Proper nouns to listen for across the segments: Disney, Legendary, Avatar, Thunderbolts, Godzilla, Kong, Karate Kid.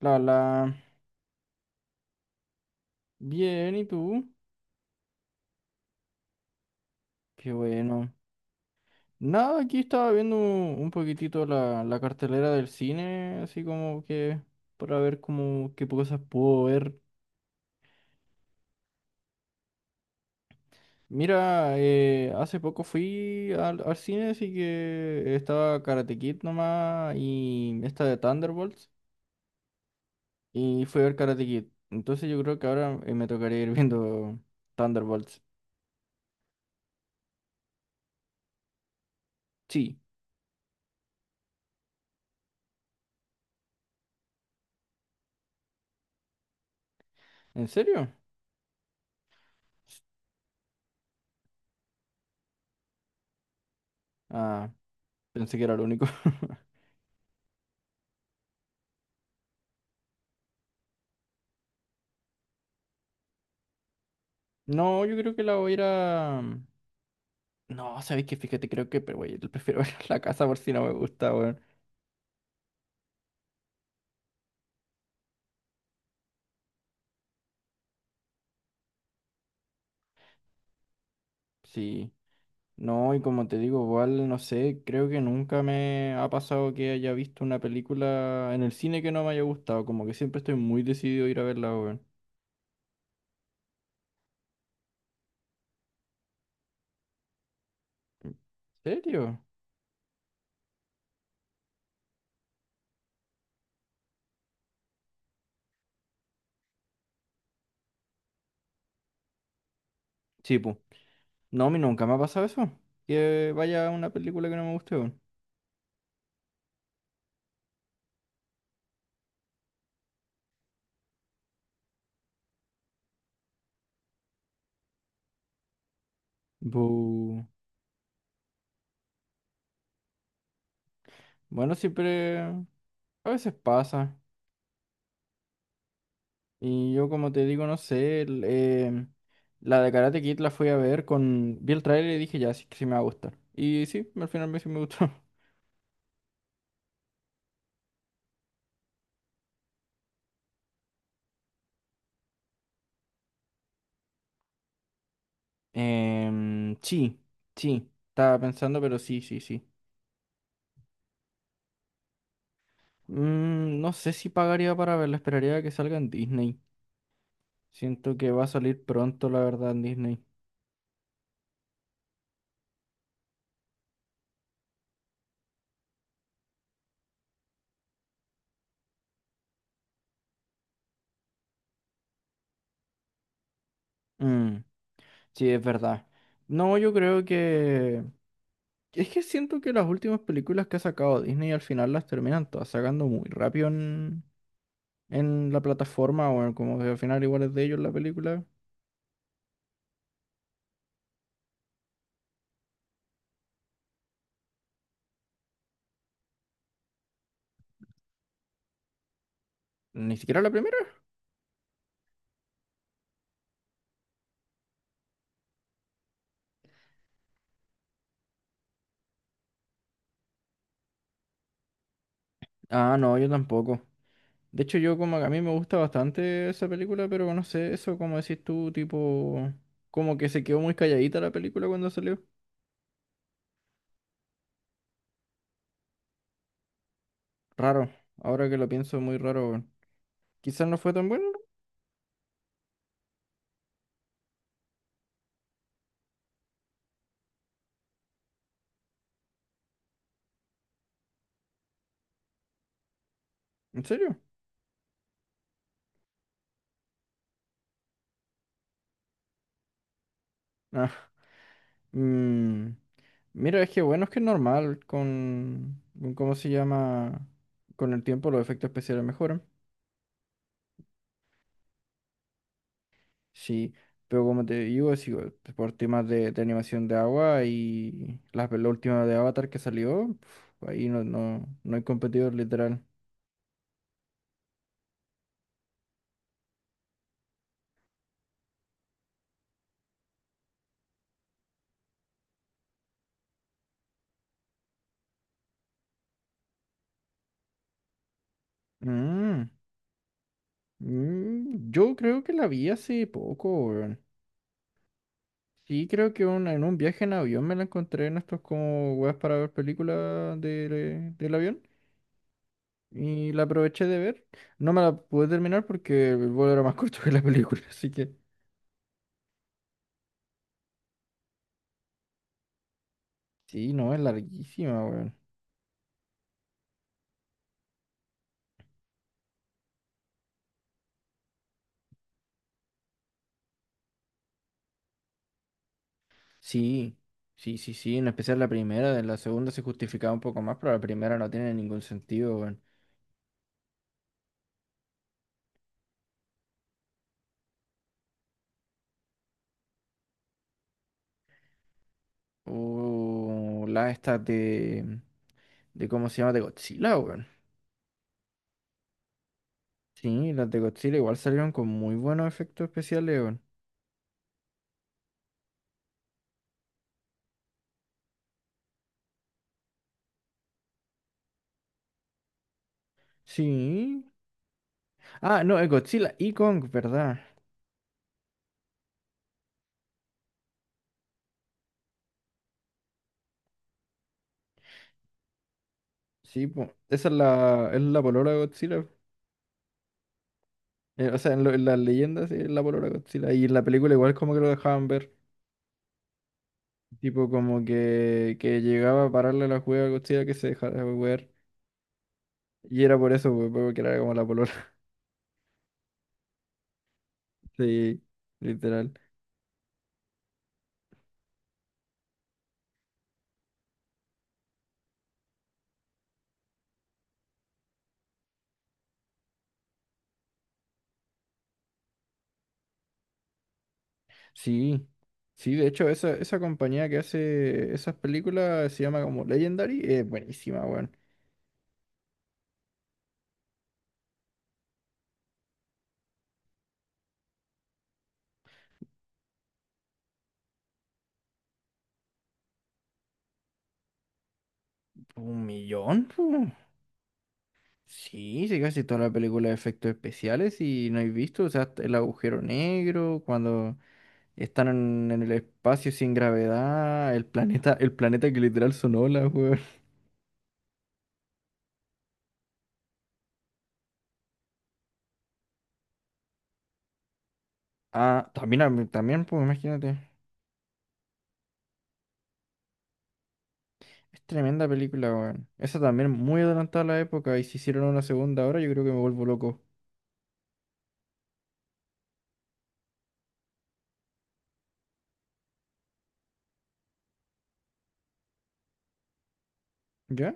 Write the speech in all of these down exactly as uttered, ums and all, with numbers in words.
La, la, bien, ¿y tú? Qué bueno. Nada, aquí estaba viendo un poquitito la, la cartelera del cine, así como que para ver como qué cosas puedo ver. Mira, eh, hace poco fui al, al cine, así que estaba Karate Kid nomás y esta de Thunderbolts, y fui a ver Karate Kid. Entonces yo creo que ahora eh, me tocaría ir viendo Thunderbolts. Sí, ¿en serio? Ah, pensé que era lo único. No, yo creo que la voy a ir a... mm, No, sabéis que fíjate, creo que, pero güey, prefiero ver la casa por si no me gusta, weón. Sí. No, y como te digo, igual, no sé, creo que nunca me ha pasado que haya visto una película en el cine que no me haya gustado, como que siempre estoy muy decidido a ir a verla, weón. ¿En serio? Sí, pues. No, a mí nunca me ha pasado eso, que vaya a una película que no me guste, weón. Bu. Bueno, siempre... A veces pasa. Y yo, como te digo, no sé, el, eh, la de Karate Kid la fui a ver con... Vi el trailer y dije, ya, sí, que sí me va a gustar. Y sí, al final me, sí me gustó. Em, sí, sí, estaba pensando, pero sí, sí, sí. Mm, no sé si pagaría para verla, esperaría a que salga en Disney. Siento que va a salir pronto, la verdad, en Disney. Mm, sí, es verdad. No, yo creo que... Es que siento que las últimas películas que ha sacado Disney al final las terminan todas sacando muy rápido en la plataforma, o en como que al final igual es de ellos la película. Ni siquiera la primera. Ah, no, yo tampoco. De hecho, yo como que a mí me gusta bastante esa película, pero no sé, eso como decís tú, tipo, como que se quedó muy calladita la película cuando salió. Raro, ahora que lo pienso, muy raro, weón. Quizás no fue tan bueno, ¿en serio? Ah, mm, mira, es que bueno, es que es normal con, con, ¿cómo se llama? Con el tiempo los efectos especiales mejoran. Sí, pero como te digo, es igual, pues, por temas de, de animación de agua y la, la última de Avatar que salió, pf, ahí no, no, no hay competidor literal. Mm, mm, yo creo que la vi hace poco, weón. Sí, creo que un- en un viaje en avión me la encontré en estos como weas para ver películas de, de- del avión y la aproveché de ver. No me la pude terminar porque el vuelo era más corto que la película, así que sí, no, es larguísima, weón. Sí, sí, sí, sí, en especial la primera, la segunda se justificaba un poco más, pero la primera no tiene ningún sentido, weón. O las estas de, de, ¿cómo se llama? De Godzilla, weón. Sí, las de Godzilla igual salieron con muy buenos efectos especiales, weón. Sí. Ah, no, es Godzilla y Kong, ¿verdad? Sí, po. Esa es la, es la polola de Godzilla. Eh, o sea, en, lo- en las leyendas sí, es la polola de Godzilla. Y en la película igual como que lo dejaban ver. Tipo como que, que llegaba a pararle la juega a Godzilla que se dejara ver. Y era por eso, pues, porque era como la polola. Sí, literal. Sí, sí, de hecho, esa, esa compañía que hace esas películas se llama como Legendary. Es buenísima, weón. Un millón, pu. Sí, sí, casi toda la película de efectos especiales y no he visto, o sea, hasta el agujero negro, cuando están en, en el espacio sin gravedad, el planeta, el planeta que literal son olas, weón. Ah, también, a mí- también, pues, imagínate. Es tremenda película, weón. Esa también muy adelantada a la época y si hicieron una segunda ahora, yo creo que me vuelvo loco. ¿Ya?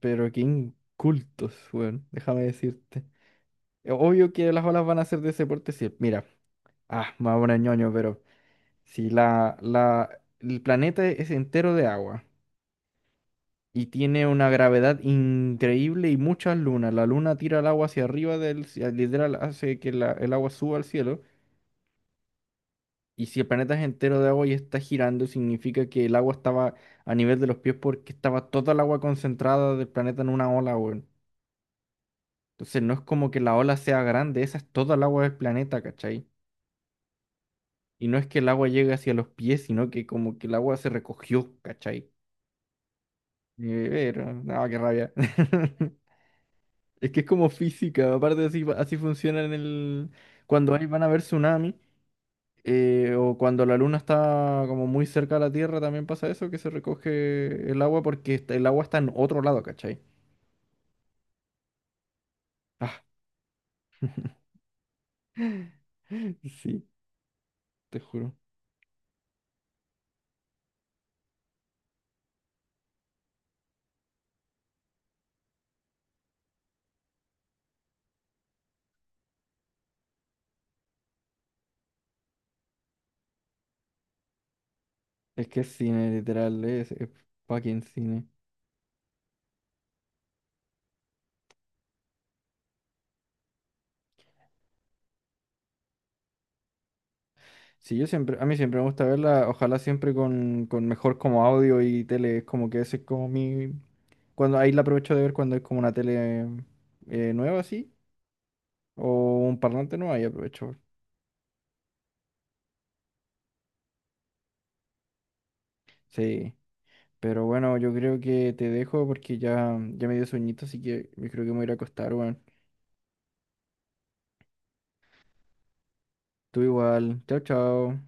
Pero qué incultos, weón. Déjame decirte. Eh, Obvio que las olas van a ser de ese porte. Si, mira, ah, me voy a poner ñoño, pero si la, la, el planeta es entero de agua y tiene una gravedad increíble y muchas lunas, la luna tira el agua hacia arriba del, hacia- literal hace que la- el agua suba al cielo. Y si el planeta es entero de agua y está girando, significa que el agua estaba a nivel de los pies porque estaba toda el agua concentrada del planeta en una ola, weón. Entonces no es como que la ola sea grande, esa es toda el agua del planeta, ¿cachai? Y no es que el agua llegue hacia los pies, sino que como que el agua se recogió, ¿cachai? Eh, Pero, no, qué rabia. Es que es como física, aparte así, así funciona en el... Cuando ahí van a ver tsunami. Eh, o cuando la luna está como muy cerca de la Tierra también pasa eso, que se recoge el agua porque está- el agua está en otro lado, ¿cachai? Ah, sí, te juro. Es que es cine, literal, es, es fucking cine. Sí, yo siempre, a mí siempre me gusta verla, ojalá siempre con, con mejor como audio y tele, es como que ese es como mi... Cuando ahí la aprovecho de ver cuando es como una tele eh, nueva así, o un parlante nuevo, ahí aprovecho. Sí. Pero bueno, yo creo que te dejo porque ya, ya me dio sueñito, así que yo creo que me voy a ir a acostar, weón. Tú igual. Chao, chao.